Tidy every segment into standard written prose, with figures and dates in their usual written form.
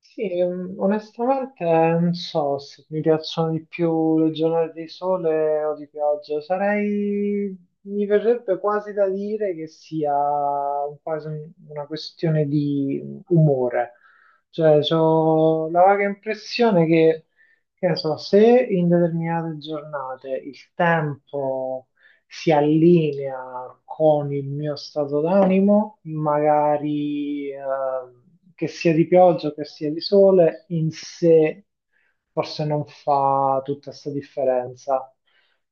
Sì, onestamente non so se mi piacciono di più le giornate di sole o di pioggia. Sarei, mi verrebbe quasi da dire che sia una questione di umore. Cioè, ho la vaga impressione che ne so, se in determinate giornate il tempo si allinea con il mio stato d'animo, magari che sia di pioggia, che sia di sole, in sé forse non fa tutta questa differenza.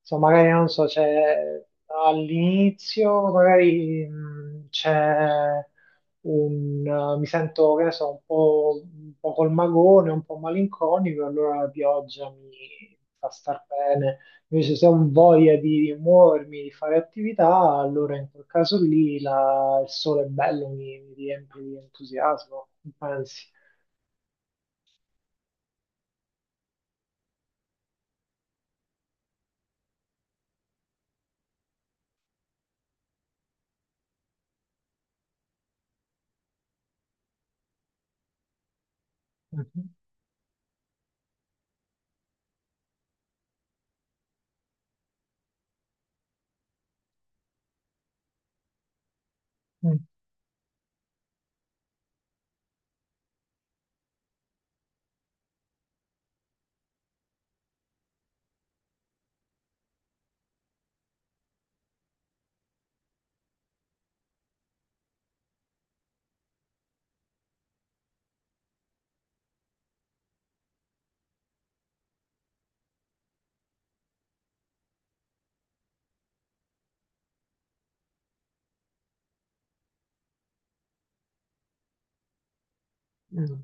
Insomma, magari non so, c'è all'inizio, magari, mi sento, che ne so, un po' col magone, un po' malinconico, allora la pioggia mi fa star bene. Invece se ho voglia di muovermi, di fare attività, allora in quel caso lì il sole è bello, mi riempie di entusiasmo, pensi. Mhm. Mm. Mm.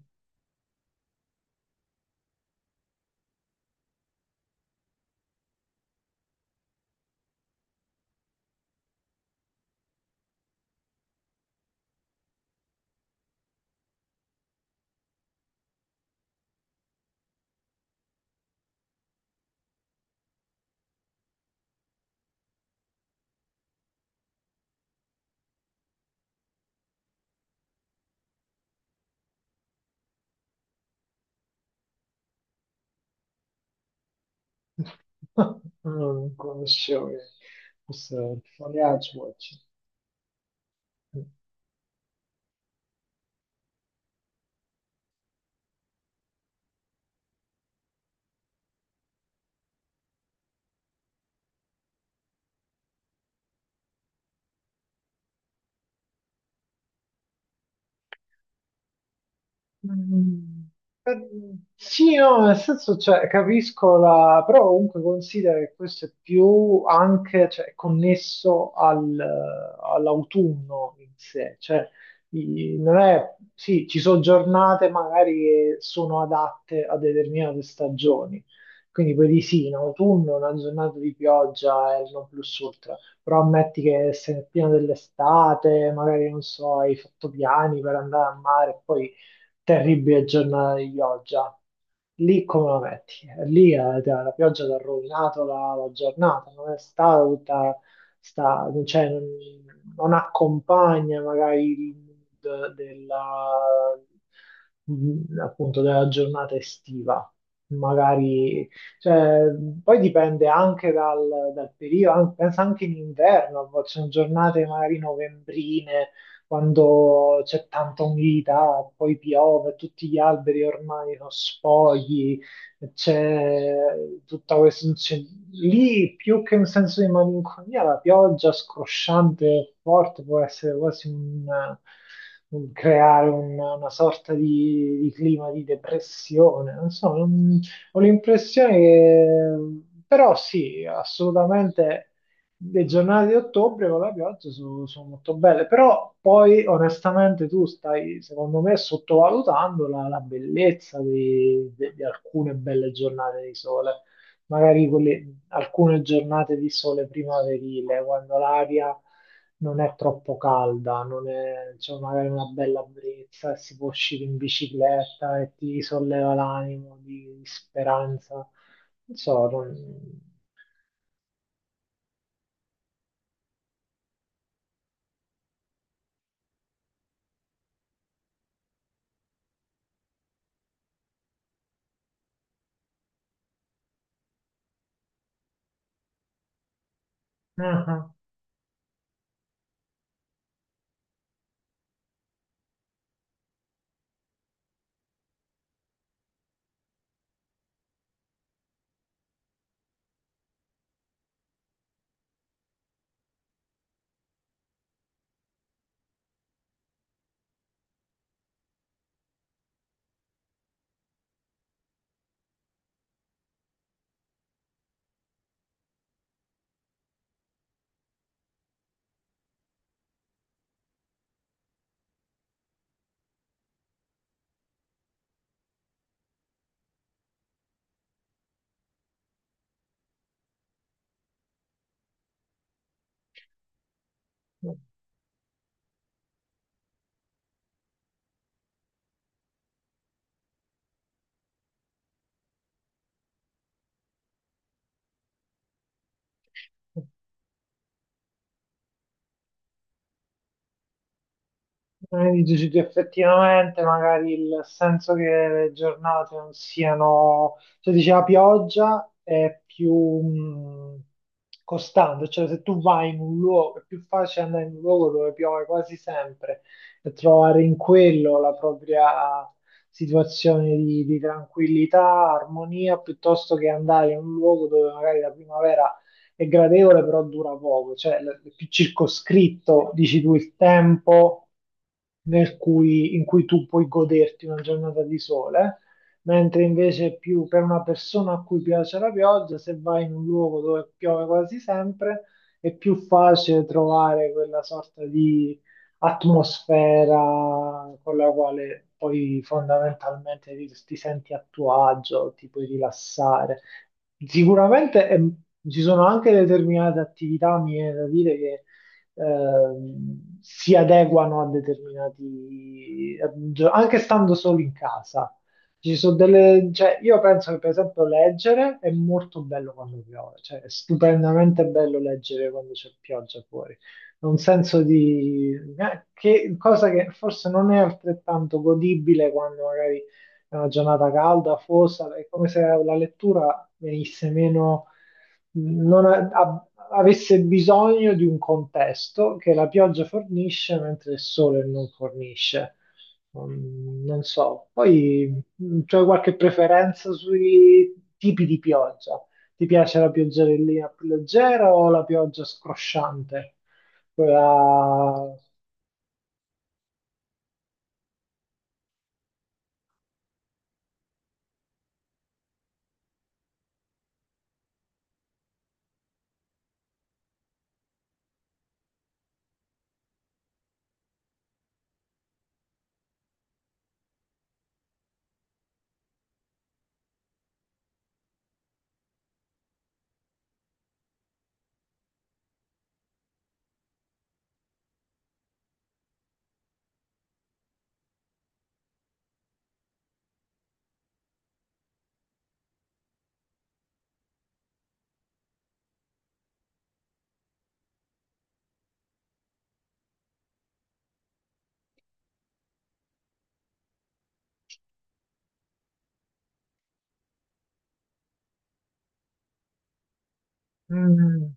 Non conoscevo questo foliage watching. Mm. Mm. Eh, sì, no, nel senso, cioè, capisco la... però comunque considera che questo è più anche, cioè, connesso all'autunno in sé, cioè, non è... Sì, ci sono giornate magari che sono adatte a determinate stagioni, quindi poi di sì, in autunno una giornata di pioggia è il non plus ultra, però ammetti che sei nel pieno dell'estate, magari, non so, hai fatto piani per andare al mare, e poi terribile giornata di pioggia. Lì come la metti? Lì la pioggia ti ha rovinato la giornata, non è stata tutta, sta, non, c'è- non- non accompagna magari il mood della, appunto della giornata estiva. Magari, cioè, poi dipende anche dal periodo, pensa anche in inverno, ci sono giornate magari novembrine quando c'è tanta umidità, poi piove, tutti gli alberi ormai sono spogli, c'è tutta questa... c'è- Lì più che un senso di malinconia, la pioggia scrosciante e forte può essere quasi un creare una sorta di clima di depressione. Non so, ho l'impressione che... Però sì, assolutamente le giornate di ottobre con la pioggia sono so molto belle, però poi onestamente tu stai, secondo me, sottovalutando la bellezza di alcune belle giornate di sole, magari alcune giornate di sole primaverile, quando l'aria non è troppo calda, non è, c'è magari una bella brezza, e si può uscire in bicicletta e ti solleva l'animo di speranza. Non so, non... Ah, ah. Dici che effettivamente magari il senso che le giornate non siano, cioè dici la pioggia è più mh, costante, cioè se tu vai in un luogo, è più facile andare in un luogo dove piove quasi sempre e trovare in quello la propria situazione di tranquillità, armonia, piuttosto che andare in un luogo dove magari la primavera è gradevole, però dura poco, cioè è più circoscritto, dici tu, il tempo in cui tu puoi goderti una giornata di sole, mentre invece più per una persona a cui piace la pioggia, se vai in un luogo dove piove quasi sempre, è più facile trovare quella sorta di atmosfera con la quale poi fondamentalmente ti, ti senti a tuo agio, ti puoi rilassare. Sicuramente ci sono anche determinate attività, mi viene da dire, che si adeguano a determinati, anche stando solo in casa. Ci sono delle, cioè, io penso che per esempio leggere è molto bello quando piove, cioè è stupendamente bello leggere quando c'è pioggia fuori. È un senso di cosa che forse non è altrettanto godibile quando magari è una giornata calda, fossa, è come se la lettura venisse meno, non a- a- avesse bisogno di un contesto che la pioggia fornisce mentre il sole non fornisce. Mm, non so, poi c'è qualche preferenza sui tipi di pioggia? Ti piace la pioggerellina più leggera o la pioggia scrosciante? Quella... Mm.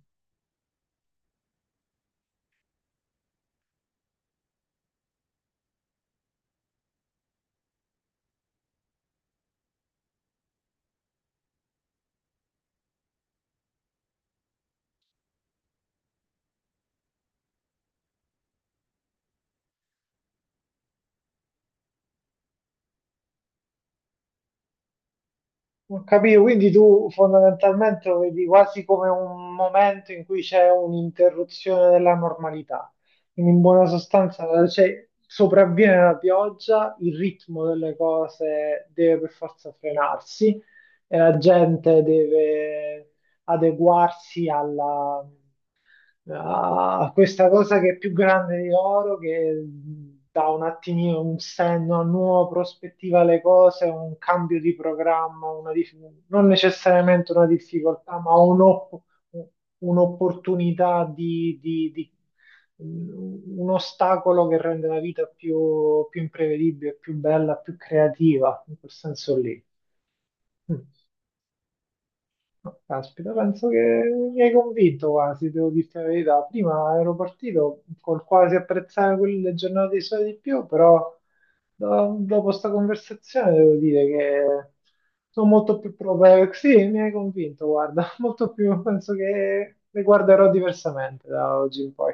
Ho capito, quindi tu fondamentalmente lo vedi quasi come un momento in cui c'è un'interruzione della normalità. Quindi in buona sostanza, cioè, sopravviene la pioggia, il ritmo delle cose deve per forza frenarsi e la gente deve adeguarsi a questa cosa che è più grande di loro, che dà un attimino un senno, una nuova prospettiva alle cose, un cambio di programma, non necessariamente una difficoltà, ma un'opportunità, un ostacolo che rende la vita più, più imprevedibile, più bella, più creativa, in quel senso lì. Mm. No, caspita, penso che mi hai convinto quasi, devo dirti la verità. Prima ero partito col quasi apprezzare quelle giornate di sole di più, però dopo questa conversazione devo dire che sono molto più propenso. Sì, mi hai convinto, guarda, molto più, penso che le guarderò diversamente da oggi in poi.